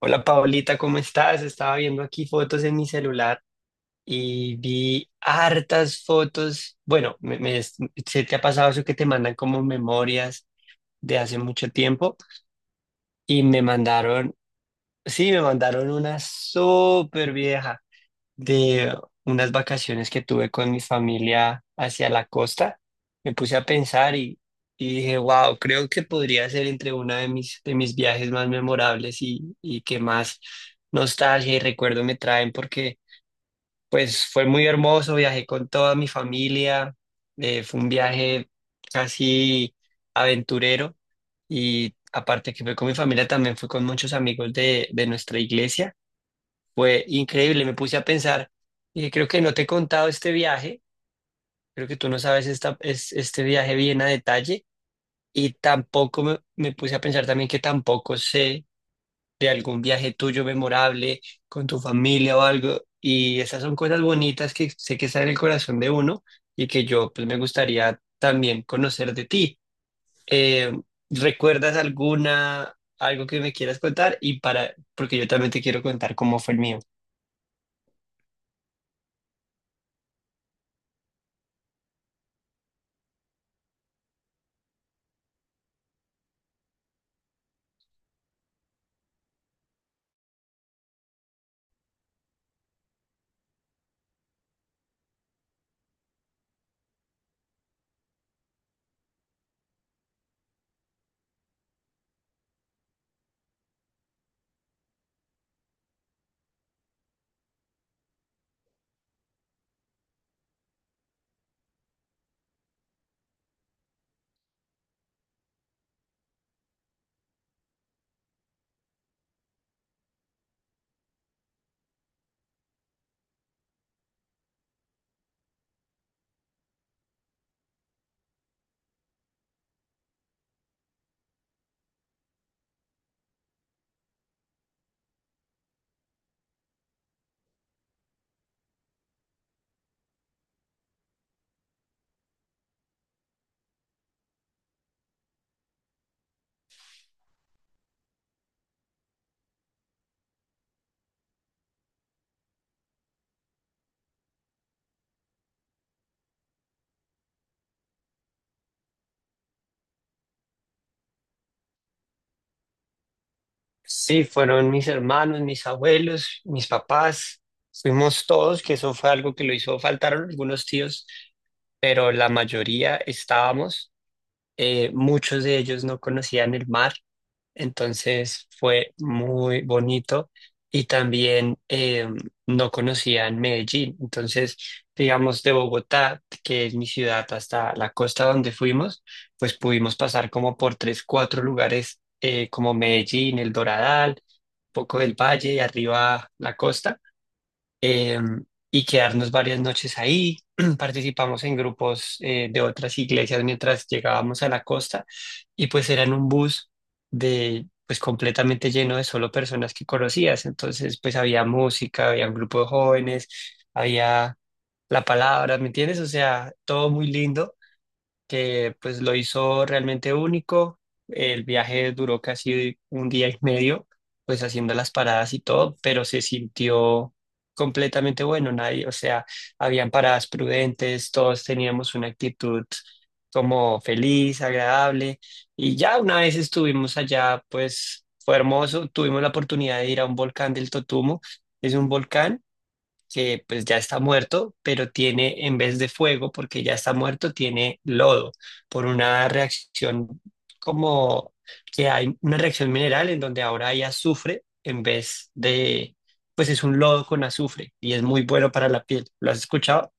Hola Paulita, ¿cómo estás? Estaba viendo aquí fotos en mi celular y vi hartas fotos. Bueno, se te ha pasado eso que te mandan como memorias de hace mucho tiempo y me mandaron, sí, me mandaron una súper vieja de unas vacaciones que tuve con mi familia hacia la costa. Me puse a pensar y dije, wow, creo que podría ser entre uno de de mis viajes más memorables y que más nostalgia y recuerdo me traen, porque pues fue muy hermoso, viajé con toda mi familia. Fue un viaje casi aventurero, y aparte que fue con mi familia, también fue con muchos amigos de nuestra iglesia. Fue increíble, me puse a pensar y creo que no te he contado este viaje, creo que tú no sabes este viaje bien a detalle. Y tampoco me puse a pensar también que tampoco sé de algún viaje tuyo memorable con tu familia o algo, y esas son cosas bonitas que sé que están en el corazón de uno y que yo pues me gustaría también conocer de ti. Eh, ¿Recuerdas algo que me quieras contar? Porque yo también te quiero contar cómo fue el mío. Sí, fueron mis hermanos, mis abuelos, mis papás, fuimos todos, que eso fue algo que lo hizo. Faltaron algunos tíos, pero la mayoría estábamos. Muchos de ellos no conocían el mar, entonces fue muy bonito. Y también no conocían Medellín. Entonces digamos, de Bogotá, que es mi ciudad, hasta la costa donde fuimos, pues pudimos pasar como por tres, cuatro lugares. Como Medellín, El Doradal, poco del valle y arriba la costa, eh, y quedarnos varias noches ahí. Participamos en grupos de otras iglesias mientras llegábamos a la costa, y pues era en un bus de pues completamente lleno de solo personas que conocías. Entonces pues había música, había un grupo de jóvenes, había la palabra, ¿me entiendes? O sea, todo muy lindo, que pues lo hizo realmente único. El viaje duró casi un día y medio, pues haciendo las paradas y todo, pero se sintió completamente bueno. Nadie, o sea, habían paradas prudentes, todos teníamos una actitud como feliz, agradable. Y ya una vez estuvimos allá, pues fue hermoso, tuvimos la oportunidad de ir a un volcán del Totumo. Es un volcán que pues ya está muerto, pero tiene, en vez de fuego, porque ya está muerto, tiene lodo, por una reacción, como que hay una reacción mineral en donde ahora hay azufre en vez de, pues es un lodo con azufre y es muy bueno para la piel. ¿Lo has escuchado?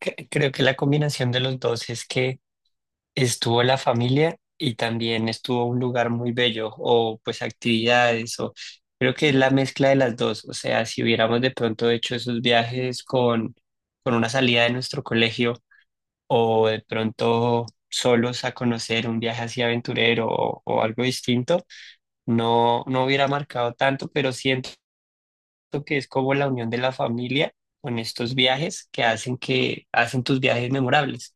Creo que la combinación de los dos es que estuvo la familia y también estuvo un lugar muy bello o pues actividades, o creo que es la mezcla de las dos. O sea, si hubiéramos de pronto hecho esos viajes con una salida de nuestro colegio o de pronto solos a conocer un viaje así aventurero o algo distinto, no, no hubiera marcado tanto, pero siento que es como la unión de la familia con estos viajes que hacen, que hacen tus viajes memorables.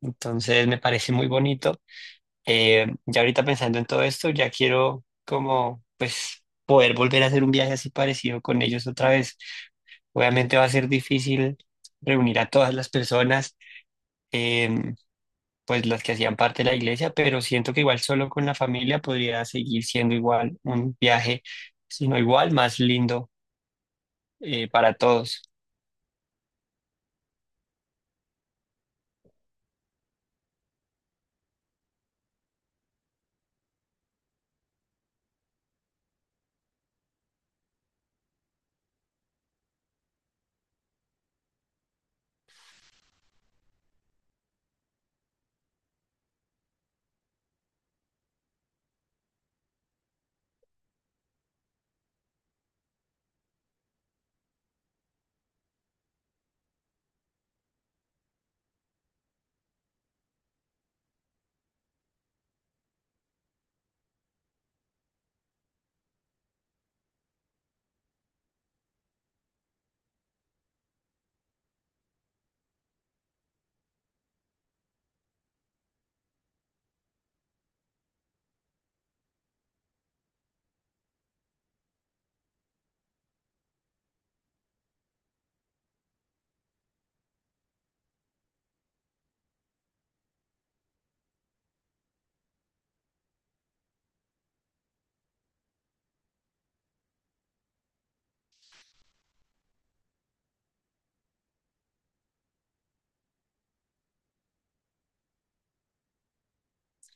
Entonces me parece muy bonito. Ya ahorita pensando en todo esto, ya quiero como pues poder volver a hacer un viaje así parecido con ellos otra vez. Obviamente va a ser difícil reunir a todas las personas, em, pues las que hacían parte de la iglesia, pero siento que igual solo con la familia podría seguir siendo igual un viaje, sino igual más lindo, para todos.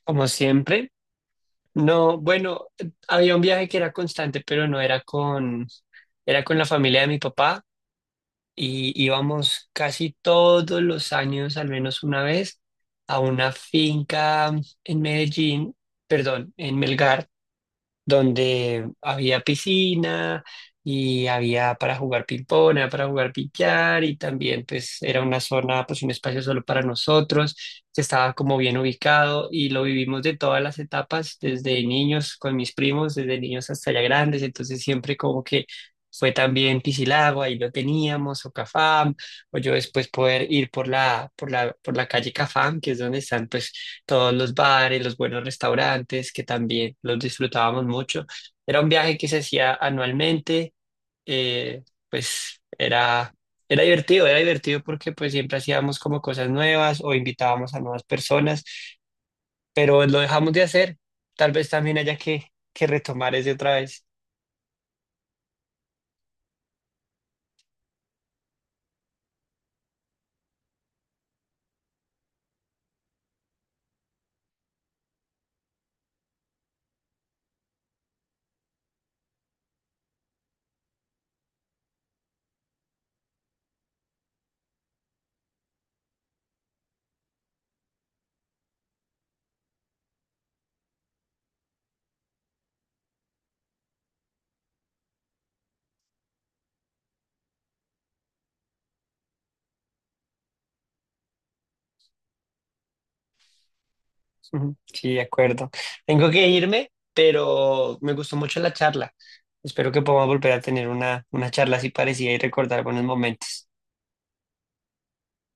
Como siempre, no, bueno, había un viaje que era constante, pero no era era con la familia de mi papá. Y íbamos casi todos los años, al menos una vez, a una finca en Medellín, perdón, en Melgar, donde había piscina y había para jugar ping-pong, había para jugar billar, y también pues era una zona, pues un espacio solo para nosotros, que estaba como bien ubicado y lo vivimos de todas las etapas, desde niños con mis primos, desde niños hasta ya grandes. Entonces siempre como que fue también Piscilago, ahí lo teníamos, o Cafam, o yo después poder ir por por la calle Cafam, que es donde están pues todos los bares, los buenos restaurantes, que también los disfrutábamos mucho. Era un viaje que se hacía anualmente. eh, pues era, era divertido porque pues siempre hacíamos como cosas nuevas o invitábamos a nuevas personas, pero lo dejamos de hacer. Tal vez también haya que retomar ese otra vez. Ujú. Sí, de acuerdo. Tengo que irme, pero me gustó mucho la charla. Espero que podamos volver a tener una charla así parecida y recordar buenos momentos.